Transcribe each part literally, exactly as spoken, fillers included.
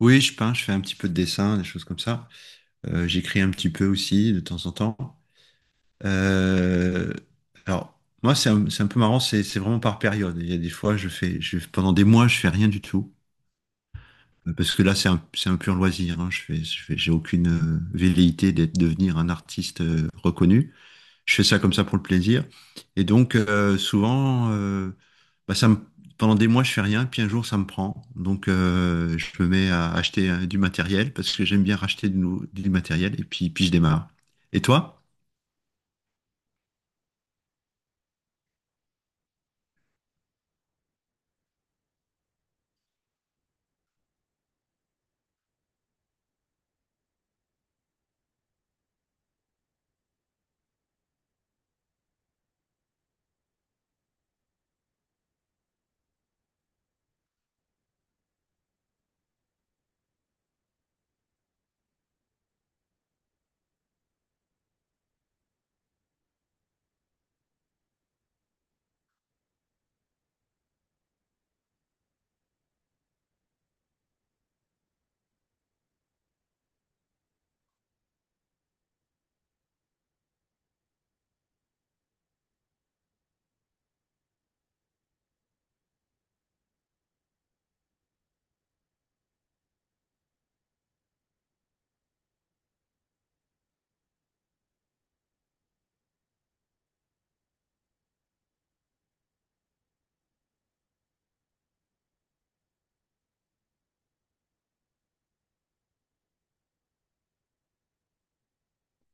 Oui, je peins, je fais un petit peu de dessin, des choses comme ça. Euh, j'écris un petit peu aussi de temps en temps. Euh, alors, moi, c'est un, c'est un peu marrant, c'est c'est vraiment par période. Il y a des fois, je fais, je, pendant des mois, je fais rien du tout. Euh, Parce que là, c'est un, c'est un pur loisir, hein. Je fais, je fais, j'ai aucune euh, velléité d'être devenir un artiste euh, reconnu. Je fais ça comme ça pour le plaisir. Et donc, euh, souvent, euh, bah, ça me- pendant des mois, je fais rien, puis un jour, ça me prend. Donc, euh, je me mets à acheter euh, du matériel parce que j'aime bien racheter du, nou- du matériel et puis, puis je démarre. Et toi?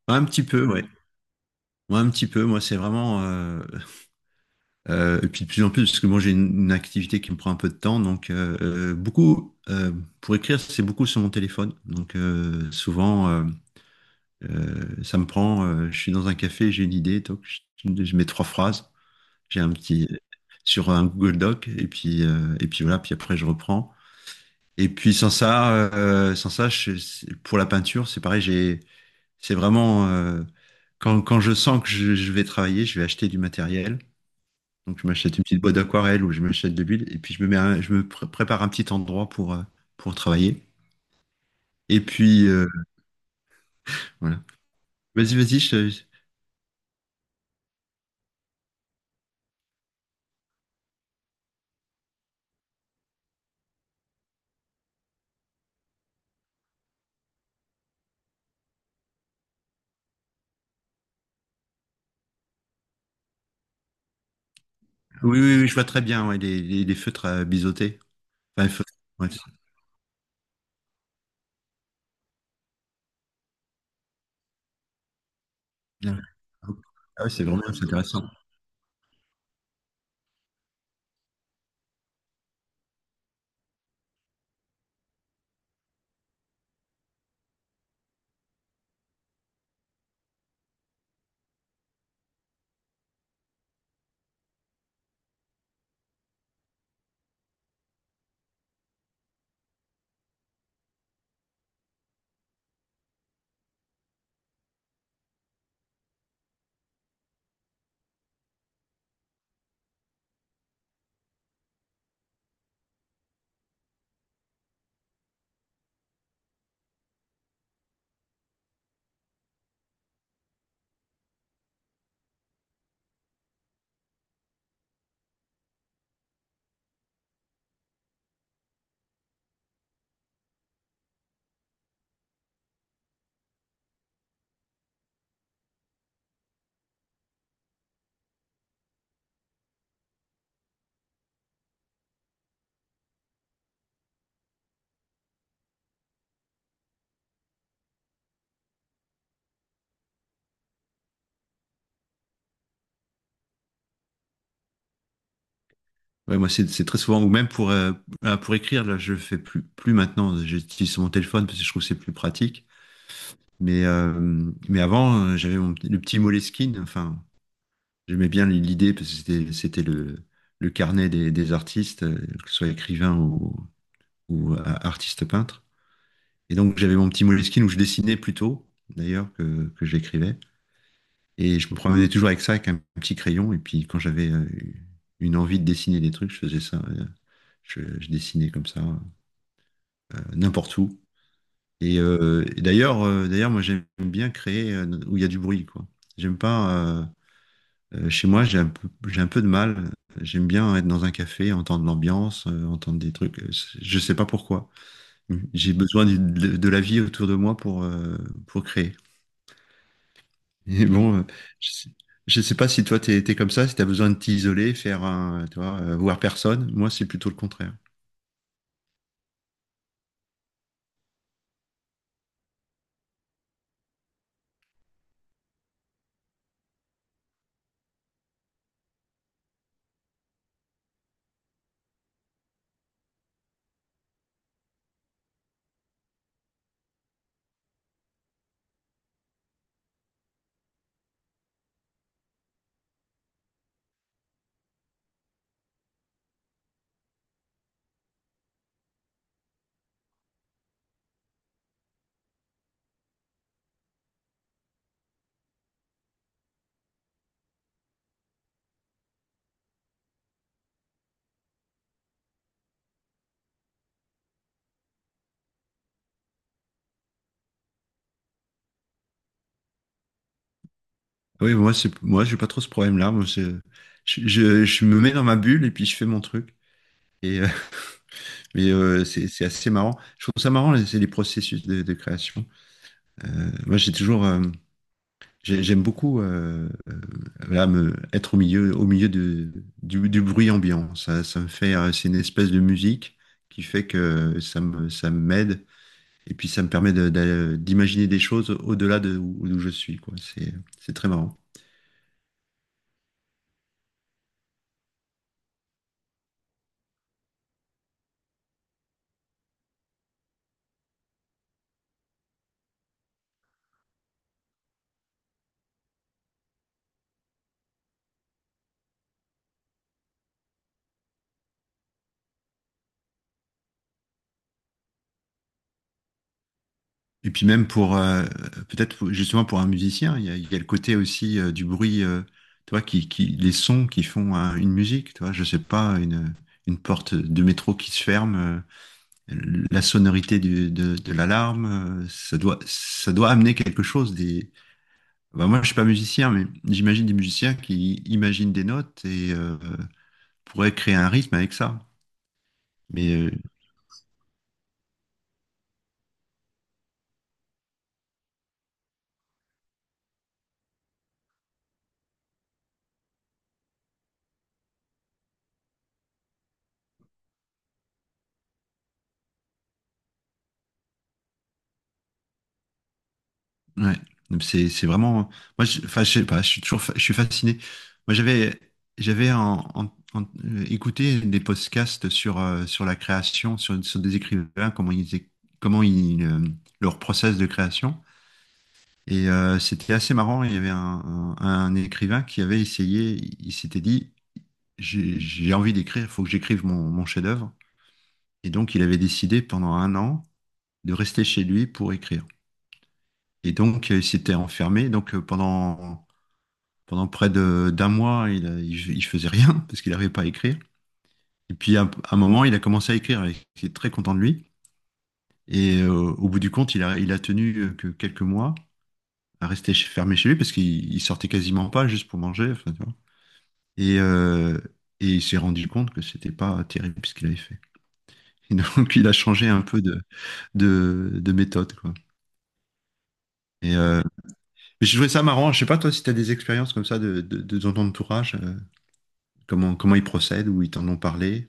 Ouais, un petit peu, ouais. Moi, un petit peu. Moi, c'est vraiment. Euh, euh, et puis, de plus en plus, parce que moi, j'ai une, une activité qui me prend un peu de temps. Donc, euh, euh, beaucoup. Euh, pour écrire, c'est beaucoup sur mon téléphone. Donc, euh, souvent. Euh, Euh, ça me prend, euh, je suis dans un café, j'ai une idée, donc je, je mets trois phrases, j'ai un petit sur un Google Doc, et puis euh, et puis voilà, puis après je reprends. Et puis sans ça, euh, sans ça, je- c'est- pour la peinture, c'est pareil, j'ai, c'est vraiment euh, quand quand je sens que je, je vais travailler, je vais acheter du matériel. Donc je m'achète une petite boîte d'aquarelle ou je m'achète de l'huile, et puis je me mets, un- je me pr- prépare un petit endroit pour euh, pour travailler. Et puis euh, voilà. Vas-y, vas-y, je- Oui, oui, oui, je vois très bien, ouais, les, les- les feutres à biseauter. Enfin, les feutres, ouais, c'est bien. Ah ouais, c'est vraiment c'est intéressant. Ouais, moi, c'est c'est très souvent, ou même pour, euh, ah, pour écrire, là, je le fais plus, plus maintenant. J'utilise mon téléphone parce que je trouve que c'est plus pratique. Mais, euh, mais avant, euh, j'avais mon, petit- le petit Moleskine. Enfin, j'aimais bien l'idée parce que c'était, c'était le, le carnet des, des artistes, euh, que ce soit écrivain ou, ou euh, artiste peintre. Et donc, j'avais mon petit Moleskine où je dessinais plutôt, d'ailleurs, que, que j'écrivais. Et je me promenais toujours avec ça, avec un petit crayon. Et puis quand j'avais euh, une envie de dessiner des trucs, je faisais ça. euh, Je, je dessinais comme ça, euh, n'importe où. Et, euh, et d'ailleurs, euh, d'ailleurs, moi j'aime bien créer euh, où il y a du bruit, quoi. J'aime pas. Euh, euh, chez moi, j'ai un peu, j'ai un peu de mal. J'aime bien être dans un café, entendre l'ambiance, euh, entendre des trucs. Euh, Je sais pas pourquoi. J'ai besoin du- de, de la vie autour de moi pour, euh, pour créer. Et bon, euh, je sais, je sais pas si toi t'es t'es comme ça, si t'as besoin de t'isoler, faire un, tu vois, euh, voir personne. Moi, c'est plutôt le contraire. Ah oui, moi, c'est, moi, j'ai pas trop ce problème-là. Moi, c'est- je, je, je me mets dans ma bulle et puis je fais mon truc. Et, euh, mais euh, c'est c'est assez marrant. Je trouve ça marrant, les- c'est les processus de, de création. Euh, moi, j'ai toujours, euh, J'ai- j'aime beaucoup euh, euh, voilà, me, être au milieu, au milieu de, du, du bruit ambiant. Ça, ça me fait, euh, c'est une espèce de musique qui fait que ça me, ça m'aide et puis ça me permet de- d'aller- d'imaginer des choses au-delà de où, d'où je suis, quoi. C'est, c'est très marrant. Et puis même pour, euh, peut-être pour- justement pour un musicien, il y a, il y a le côté aussi euh, du bruit, euh, tu vois, qui, qui, les sons qui font euh, une musique, tu vois. Je sais pas, une, une porte de métro qui se ferme. euh, La sonorité du- de, de l'alarme, euh, ça doit, ça doit amener quelque chose. Des... Bah, moi, je suis pas musicien, mais j'imagine des musiciens qui imaginent des notes et euh, pourraient créer un rythme avec ça. Mais euh, ouais, Donc, c'est, c'est vraiment. Moi, je, enfin, je sais pas, je suis toujours, fa- je suis fasciné. Moi, j'avais, j'avais en- en- en- euh, écouté des podcasts sur, euh, sur la création, sur, sur des écrivains, comment ils, é- comment ils, euh, leur process de création. Et euh, c'était assez marrant. Il y avait un, un- un écrivain qui avait essayé, il s'était dit, j'ai j'ai envie d'écrire, il faut que j'écrive mon, mon chef-d'œuvre. Et donc, il avait décidé pendant un an de rester chez lui pour écrire. Et donc, euh, il s'était enfermé. Donc, euh, pendant, pendant près de, d'un mois, il, a- il, il faisait rien parce qu'il n'arrivait pas à écrire. Et puis, à, un à un moment, il a commencé à écrire. Il était très content de lui. Et euh, au bout du compte, il a, il a tenu euh, que quelques mois à rester ch- fermé chez lui parce qu'il il sortait quasiment pas juste pour manger. Enfin. Et, euh, et il s'est rendu compte que c'était pas terrible ce qu'il avait fait. Et donc, il a changé un peu de, de, de méthode, quoi. Et euh, mais j'ai trouvé ça marrant. Je sais pas, toi, si tu as des expériences comme ça de, de, de ton entourage, euh, comment, comment ils procèdent, ou ils t'en ont parlé.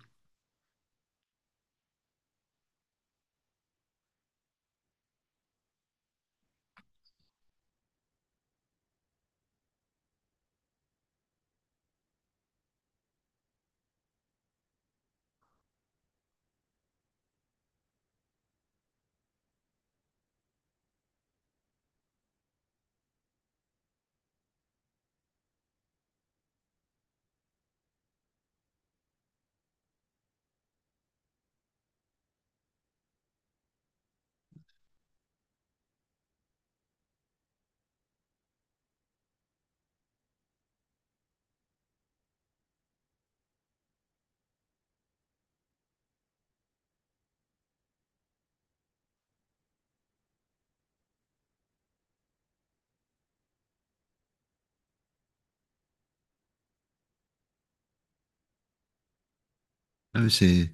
Ah ouais, c'est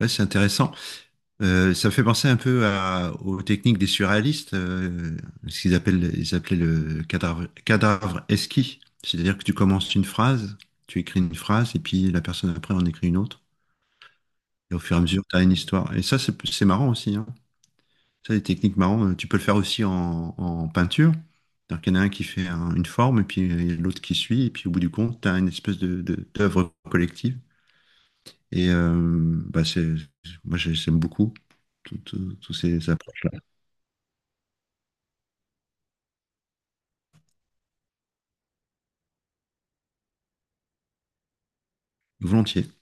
ouais, c'est intéressant. Euh, ça fait penser un peu à- aux techniques des surréalistes, euh, ce qu'ils appellent, ils appelaient le cadavre, cadavre esquis. C'est-à-dire que tu commences une phrase, tu écris une phrase, et puis la personne après en écrit une autre. Et au fur et à mesure, tu as une histoire. Et ça, c'est c'est marrant aussi, hein. Ça, les techniques marrantes, euh, tu peux le faire aussi en, en peinture. C'est-à-dire qu'il y en a un qui fait un- une forme, et puis euh, l'autre qui suit, et puis au bout du compte, tu as une espèce de, de- d'œuvre collective. Et euh, bah, c'est, Moi, j'ai- j'aime beaucoup tout- tout- tous ces approches. Volontiers.